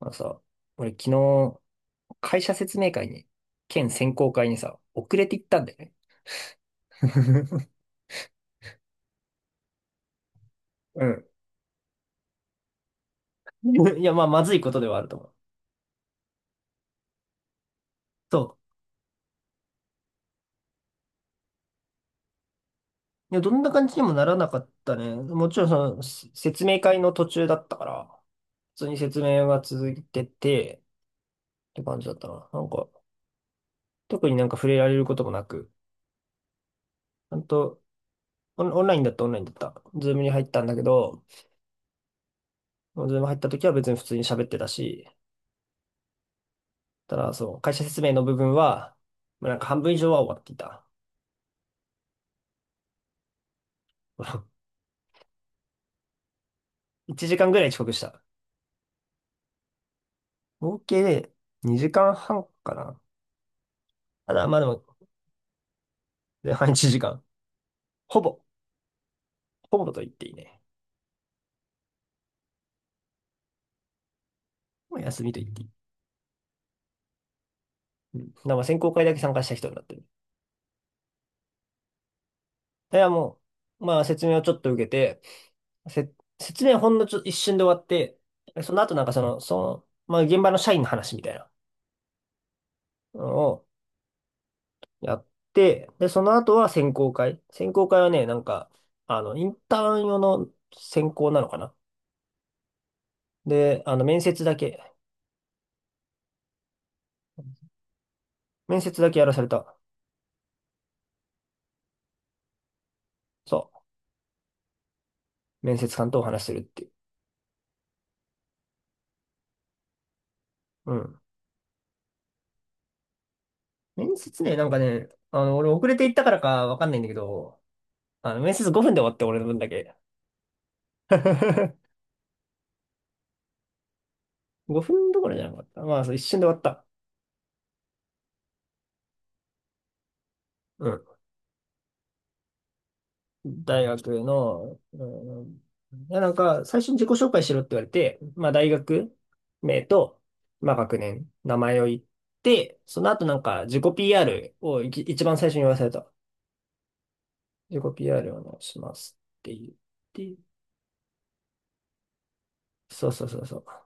まあのさ、俺昨日、会社説明会に、県選考会にさ、遅れて行ったんだよね。うん。いや、まあ、まずいことではあると思う。そう。いや、どんな感じにもならなかったね。もちろん、説明会の途中だったから、普通に説明は続いてて、って感じだったな。なんか、特になんか触れられることもなく、ちゃんと、オンラインだった。ズームに入ったんだけど、ズーム入った時は別に普通に喋ってたし、ただ、そう、会社説明の部分は、まあなんか半分以上は終わっていた。1時間ぐらい遅刻した。合計で2時間半かな。ただ、まあでも、前半1時間。ほぼ、ほぼと言っていいね。もう休みと言っていい。うん。だからまあ選考会だけ参加した人になってる。いや、まあ説明をちょっと受けて、せ、説明ほんのちょ、一瞬で終わって、その後なんかまあ現場の社員の話みたいなのを、やって、で、その後は選考会。選考会はね、なんか、あの、インターン用の選考なのかな。で、あの、面接だけやらされた。そう。面接官とお話しするっていう。うん。面接ね、なんかね、あの、俺遅れて行ったからかわかんないんだけど、あの、面接5分で終わって、俺の分だけ。5分どころじゃなかった。まあ、そう一瞬で終わった。大学の、ん、いや、なんか、最初に自己紹介しろって言われて、まあ、大学名と、まあ、学年、名前を言って、その後なんか、自己 PR を一番最初に言わされた。自己 PR をお願いしますって言って、そう。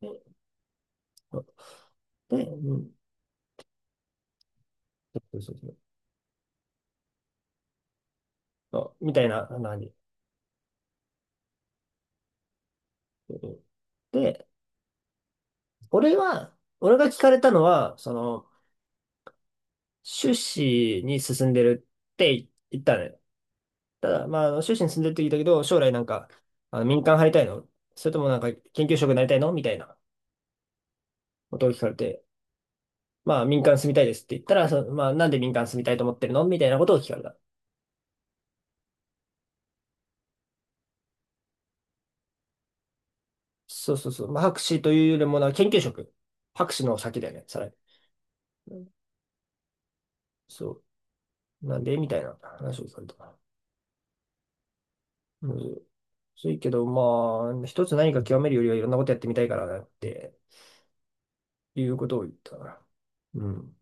で、そうでうん、そうそうそう。そうみたいな、なに。うんで、俺が聞かれたのは、その、修士に進んでるって言ったのよ。ただ、まあ、あの修士に住んでるって言ったけど、将来なんか、あの民間入りたいの、それともなんか研究職になりたいのみたいなことを聞かれて、まあ、民間住みたいですって言ったら、そのまあ、なんで民間住みたいと思ってるのみたいなことを聞かれた。そう。まあ、博士というよりもな、研究職。博士の先だよね、さらに。うん。そう。なんでみたいな話をされた。うん。そういけど、まあ、一つ何か極めるよりはいろんなことやってみたいからなっていうことを言ったから。うん。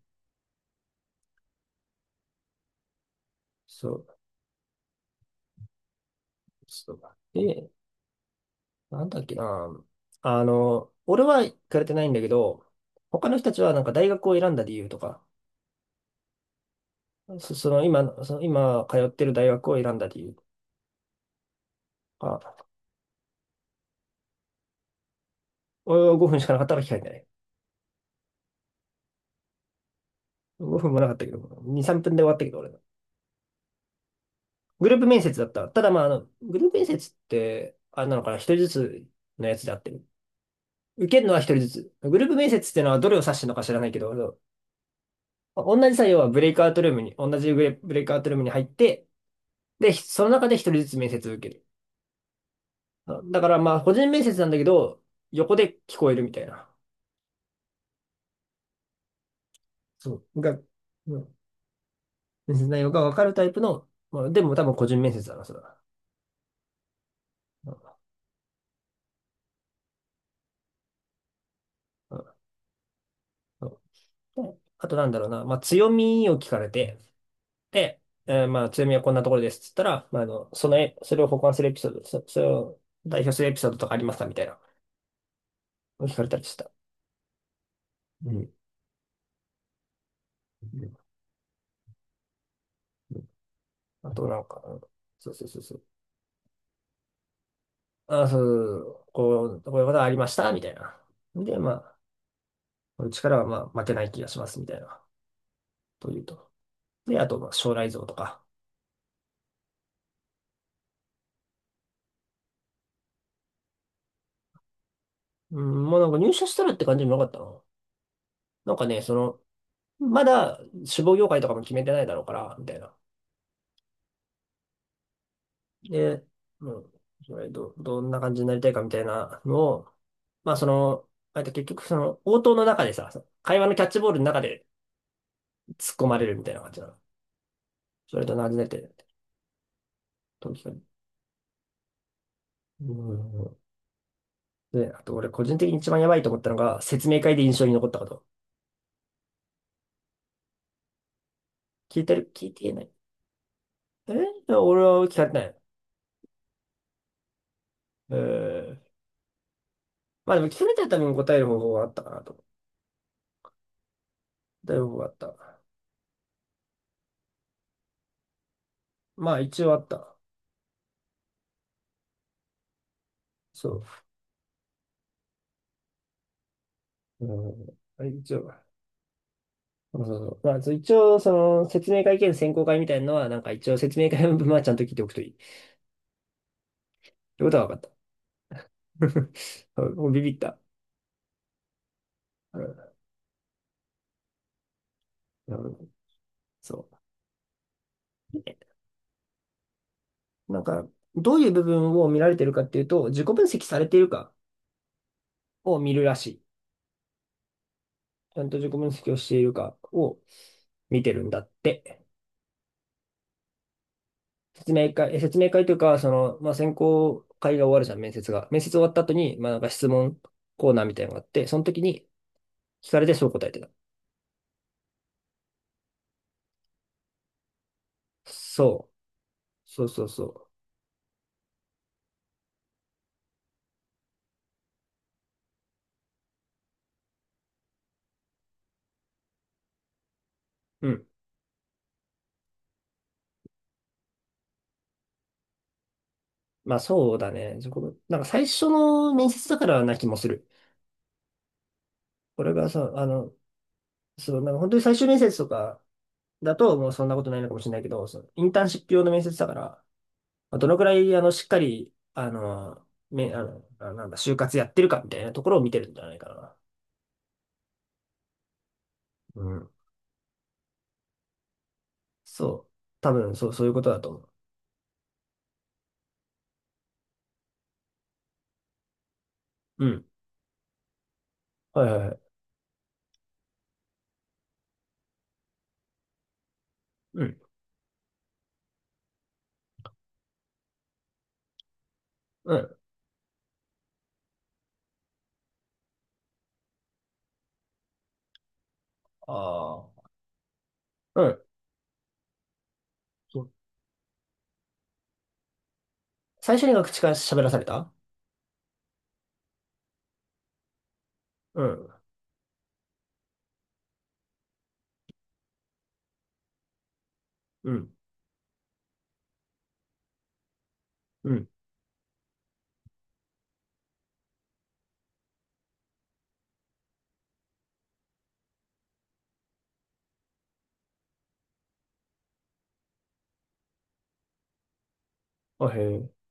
そう。そう。で、なんだっけな。あの、俺は行かれてないんだけど、他の人たちはなんか大学を選んだ理由とか、その今の、その今通ってる大学を選んだ理由とか、俺は5分しかなかったから聞かれてない。5分もなかったけど、2、3分で終わったけど、俺の。グループ面接だった。ただまあ、あの、グループ面接って、あれなのかな、一人ずつのやつであってる。受けるのは一人ずつ。グループ面接っていうのはどれを指してるのか知らないけど、同じ作業はブレイクアウトルームに、同じブレイクアウトルームに入って、で、その中で一人ずつ面接を受ける。だからまあ、個人面接なんだけど、横で聞こえるみたいな。そう。うん、面接内容がわかるタイプの、まあ、でも多分個人面接だな、それは。うん。うん。うん。で、あとなんだろうな、まあ、強みを聞かれて、で、まあ、強みはこんなところですっつったら、まあ、それを補完するエピソード、それを代表するエピソードとかありますかみたいな、聞かれたりした。うん。うん。あとなんか、うん、そう。あ、こういうことありましたみたいな。で、まあ、この力はまあ負けない気がしますみたいな、というと。で、あとまあ将来像とか。うん、もうなんか入社したらって感じもなかったの。なんかね、その、まだ志望業界とかも決めてないだろうから、みたいな。で、うん、それど、どんな感じになりたいかみたいなのを、まあその、あと結局その応答の中でさ、会話のキャッチボールの中で突っ込まれるみたいな感じなの。それと同じねって、東京に。うん。で、あと俺個人的に一番やばいと思ったのが、説明会で印象に残ったこと。聞いてる聞いてない。俺は聞かれてない。えー、まあでも聞かれたために答える方法があったかなと。だいぶあった。まあ一応あった。そう。うん、一応。そう。まあそう一応、その説明会兼選考会みたいなのは、なんか一応説明会の分はちゃんと聞いておくといい。ってことは分かった。うん、もうビビった。うん、どそう。なんか、どういう部分を見られてるかっていうと、自己分析されているかを見るらしい。ちゃんと自己分析をしているかを見てるんだって。説明会というか、その、まあ、選考会が終わるじゃん、面接が。面接終わった後に、まあ、なんか質問コーナーみたいなのがあって、その時に聞かれてそう答えてた。そう。そう。うん。まあ、そうだね。そこなんか最初の面接だからな気もする。これがさ、あの、そう、なんか本当に最終面接とかだと、もうそんなことないのかもしれないけど、そのインターンシップ用の面接だから、まあどのくらい、しっかり、あの、め、あの、あなんだ、就活やってるかみたいなところを見てるんじゃないかな。うん。そう。多分、そう、そういうことだと思う。うん。はいはいはい。うん。うん。ああ。うん。そう、最初にが口から喋らされた。うん。うん。うん。あ、へえ。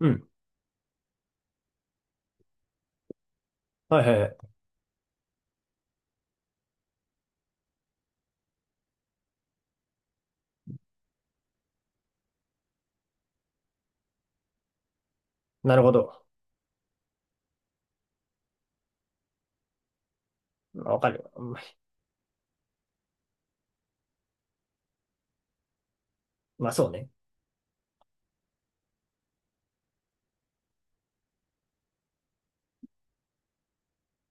うん。はいはいはい。なるほど。まあわかる。うん。まあ、そうね。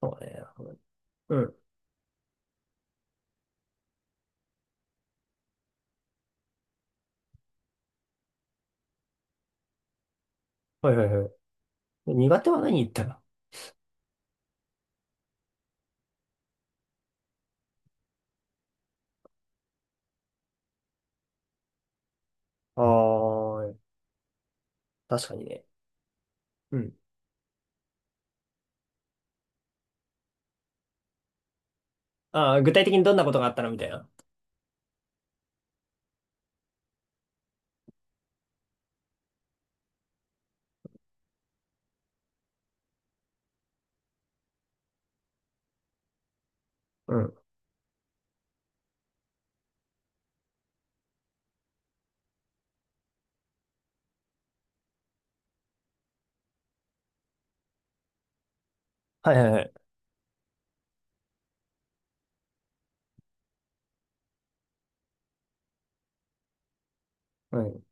そうね。うん。はいはいはい。苦手は何言ったら。ああー、確かにね。うん。ああ、具体的にどんなことがあったのみたいな。うん。はいはいはい。うん。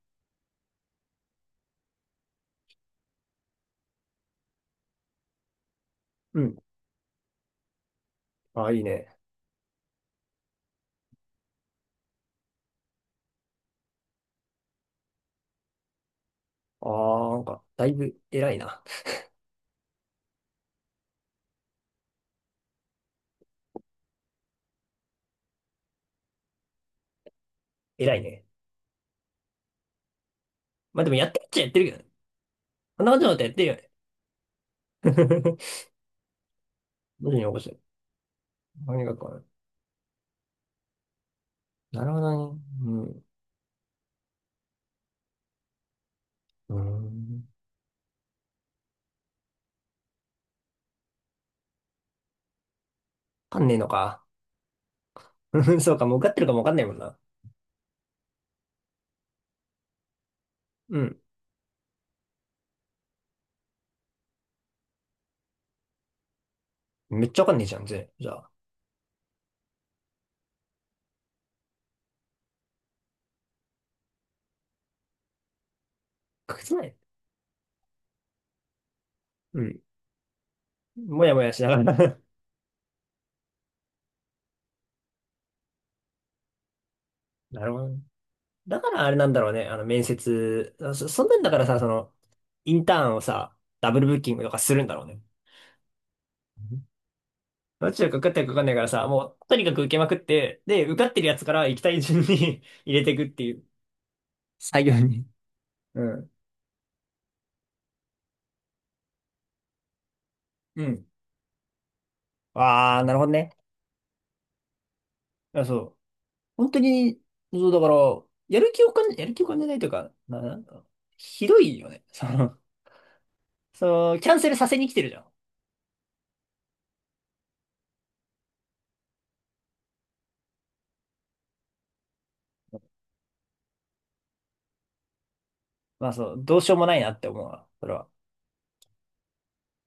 うん。ああ、いいね。ああ、なんか、だいぶ偉いな。偉いね。まあでもやってっちゃやってるけどね。話をってよね。無事に起こしてる。何が変わる。なるほどね。うん。うん。わかんねえのか。そうか、もう受かってるかもわかんないもんな。うん。めっちゃわかんねえじゃん、ぜ。じゃあ、書けつない。うん。もやもやしながら。なるほどね。だからあれなんだろうね。あの、面接。そんなんだからさ、その、インターンをさ、ダブルブッキングとかするんだろうね。どちらか受かってるか受かんないからさ、もう、とにかく受けまくって、で、受かってるやつから行きたい順に 入れていくっていう。作業に。うん。うん。ああ、なるほどね。あ、そう。本当に、そう、だから、やる気を感じないというか、なんかひどいよね。その、そう、キャンセルさせに来てるじゃん。まあそう、どうしようもないなって思うわ。それは